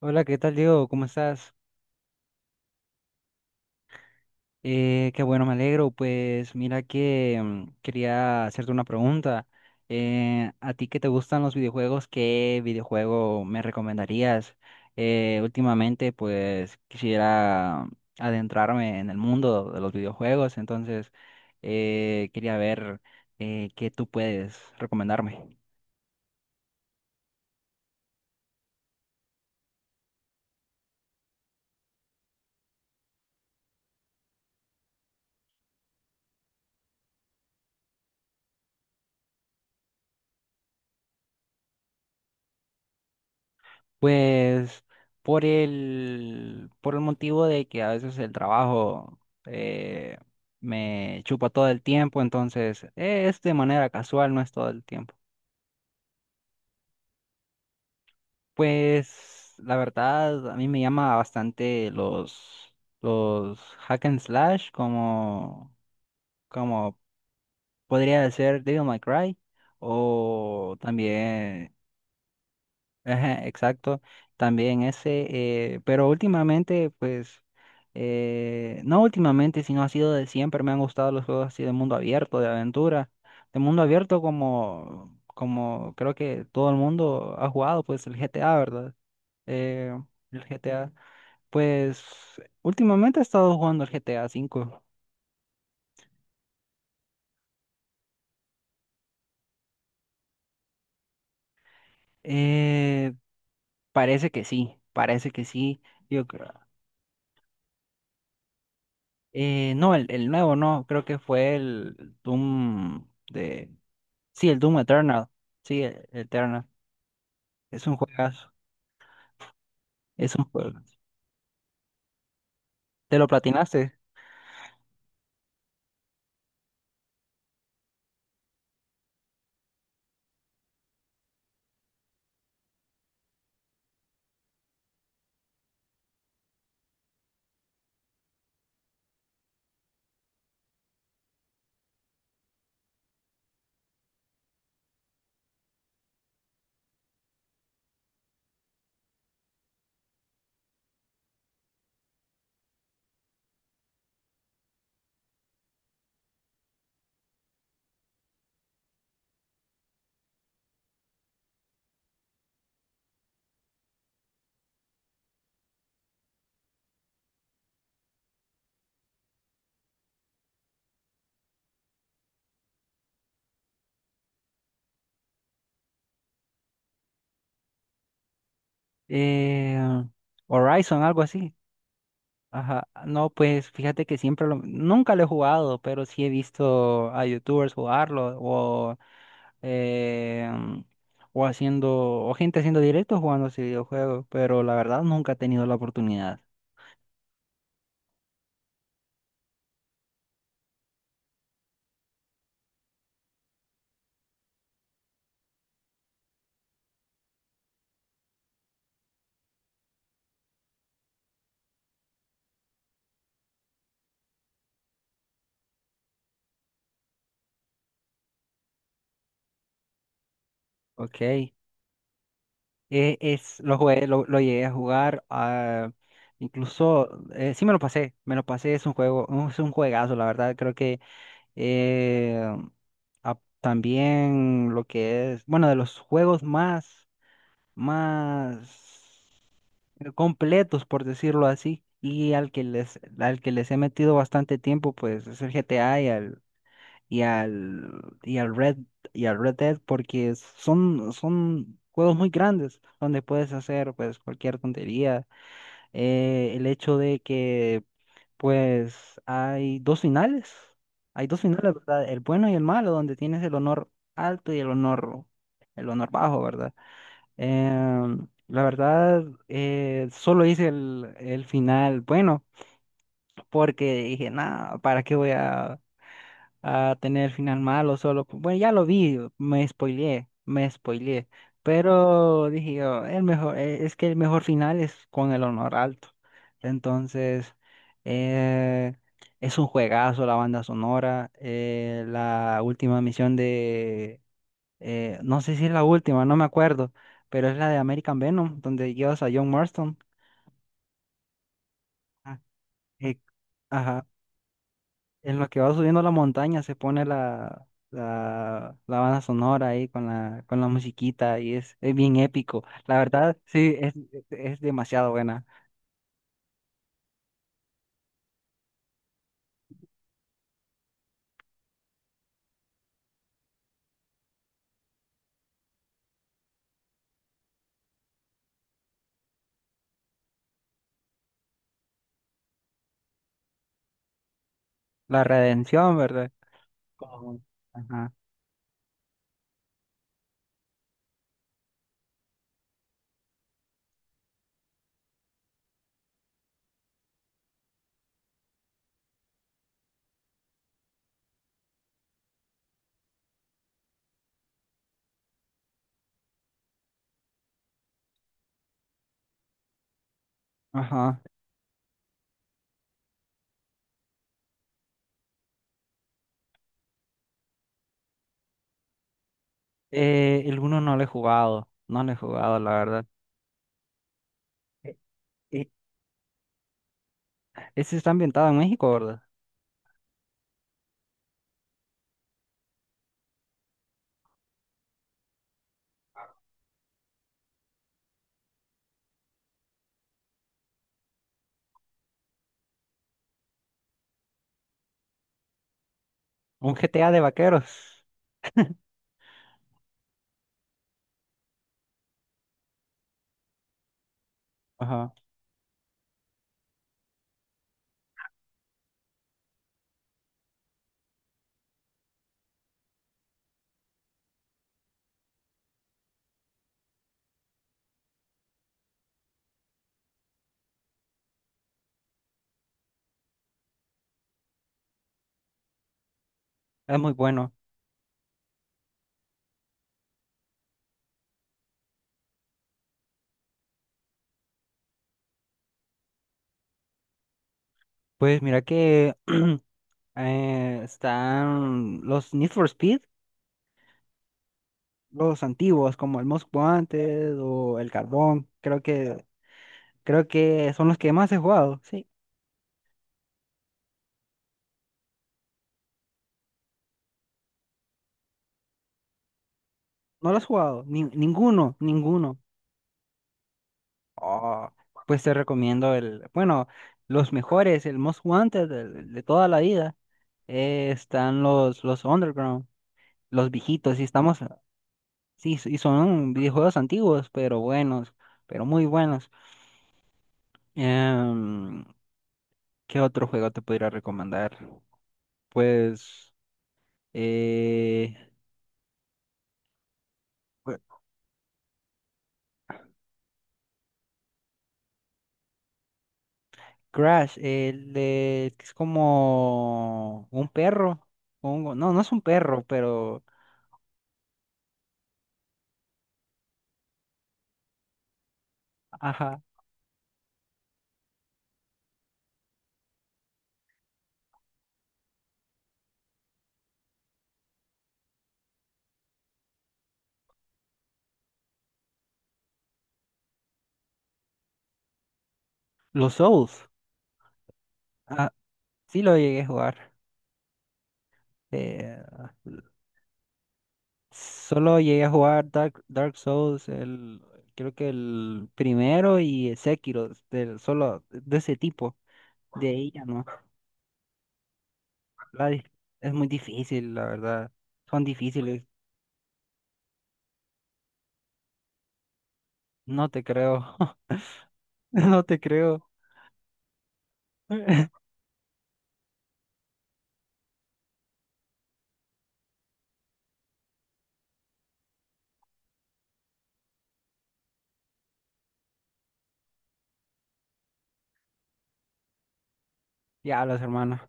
Hola, ¿qué tal, Diego? ¿Cómo estás? Qué bueno, me alegro. Pues mira que quería hacerte una pregunta. ¿A ti que te gustan los videojuegos? ¿Qué videojuego me recomendarías? Últimamente, pues quisiera adentrarme en el mundo de los videojuegos, entonces quería ver qué tú puedes recomendarme. Pues por el motivo de que a veces el trabajo eh, me chupa todo el tiempo, entonces es de manera casual, no es todo el tiempo. Pues la verdad, a mí me llama bastante los hack and slash, como podría ser Devil May Cry, o también. Ajá, exacto, también ese, pero últimamente, pues, no últimamente, sino ha sido de siempre, me han gustado los juegos así de mundo abierto, de aventura, de mundo abierto como, creo que todo el mundo ha jugado, pues el GTA, ¿verdad? Eh, el GTA, pues, últimamente he estado jugando el GTA 5. Eh, Parece que sí, parece que sí, yo creo. No, el nuevo no, creo que fue el Doom de... Sí, el Doom Eternal. Sí, Eternal. Es un juegazo, es un juego. ¿Te lo platinaste? Eh, Horizon, algo así. Ajá. No, pues fíjate que siempre lo... Nunca lo he jugado, pero sí he visto a youtubers jugarlo eh, o haciendo... o gente haciendo directos jugando ese videojuego, pero la verdad nunca he tenido la oportunidad. Ok. Lo jugué, lo llegué a jugar, incluso, sí me lo pasé, es un juego, es un juegazo, la verdad, creo que eh, también lo que es, bueno, de los juegos más, más completos, por decirlo así, y al que les he metido bastante tiempo, pues es el GTA y al, y al Red, y al Red Dead porque son juegos muy grandes donde puedes hacer pues cualquier tontería. El hecho de que pues hay dos finales, ¿verdad? El bueno y el malo, donde tienes el honor alto y el honor, bajo, ¿verdad? La verdad, solo hice el final bueno porque dije, nada, ¿para qué voy a tener final malo solo? Bueno, ya lo vi, me spoileé, me spoileé. Pero dije yo, el mejor, es que el mejor final es con el honor alto. Entonces, eh, es un juegazo la banda sonora. La última misión de, no sé si es la última, no me acuerdo, pero es la de American Venom, donde llevas a John Marston. Ah, eh, ajá. En lo que va subiendo la montaña se pone la banda sonora ahí con con la musiquita y es bien épico. La verdad, sí, es demasiado buena. La redención, ¿verdad? Como- Ajá, ajá. El uno no lo he jugado, la verdad. Eh, eh, Ese está ambientado en México, ¿verdad? Un GTA de vaqueros. Ajá, es muy bueno. Pues mira que están los Need for Speed, los antiguos, como el Most Wanted o el Carbón, creo que son los que más he jugado, sí. No los has jugado, ninguno, ninguno. Oh, pues te recomiendo bueno, los mejores, el Most Wanted de toda la vida, están los Underground, los viejitos, y estamos, sí, y son videojuegos antiguos, pero buenos, pero muy buenos. Em, ¿Qué otro juego te podría recomendar? Pues, eh, Crash, que es como un perro. Pongo. No, no es un perro, pero. Ajá. Los Souls. Ah, sí lo llegué a jugar. Eh, Solo llegué a jugar Dark Souls, creo que el primero y el Sekiro, solo de ese tipo. De ahí ya no. La di- es muy difícil, la verdad. Son difíciles. No te creo. No te creo. Ya, los hermanos.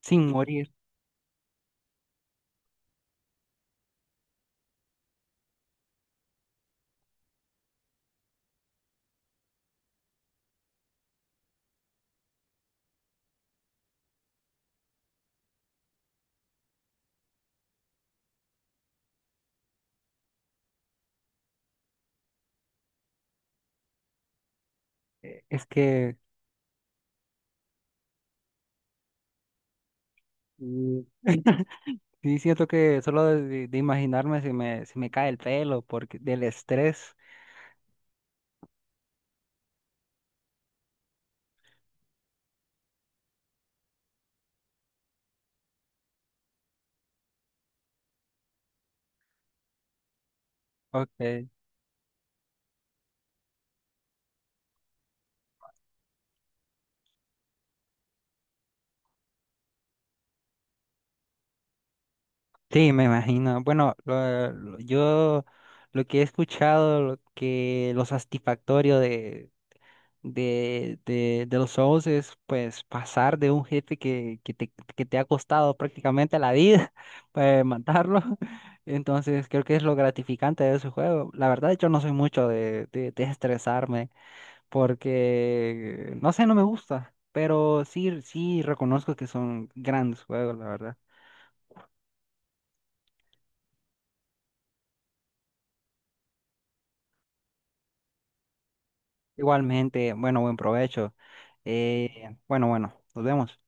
Sin morir. Es que mm, sí siento que solo de imaginarme si si me cae el pelo porque del estrés. Ok. Sí, me imagino. Bueno, yo lo que he escuchado, lo satisfactorio de, los shows es pues pasar de un jefe que te ha costado prácticamente la vida para matarlo. Entonces creo que es lo gratificante de ese juego. La verdad, yo no soy mucho de, de estresarme, porque, no sé, no me gusta, pero sí, sí reconozco que son grandes juegos, la verdad. Igualmente, bueno, buen provecho. Bueno, nos vemos.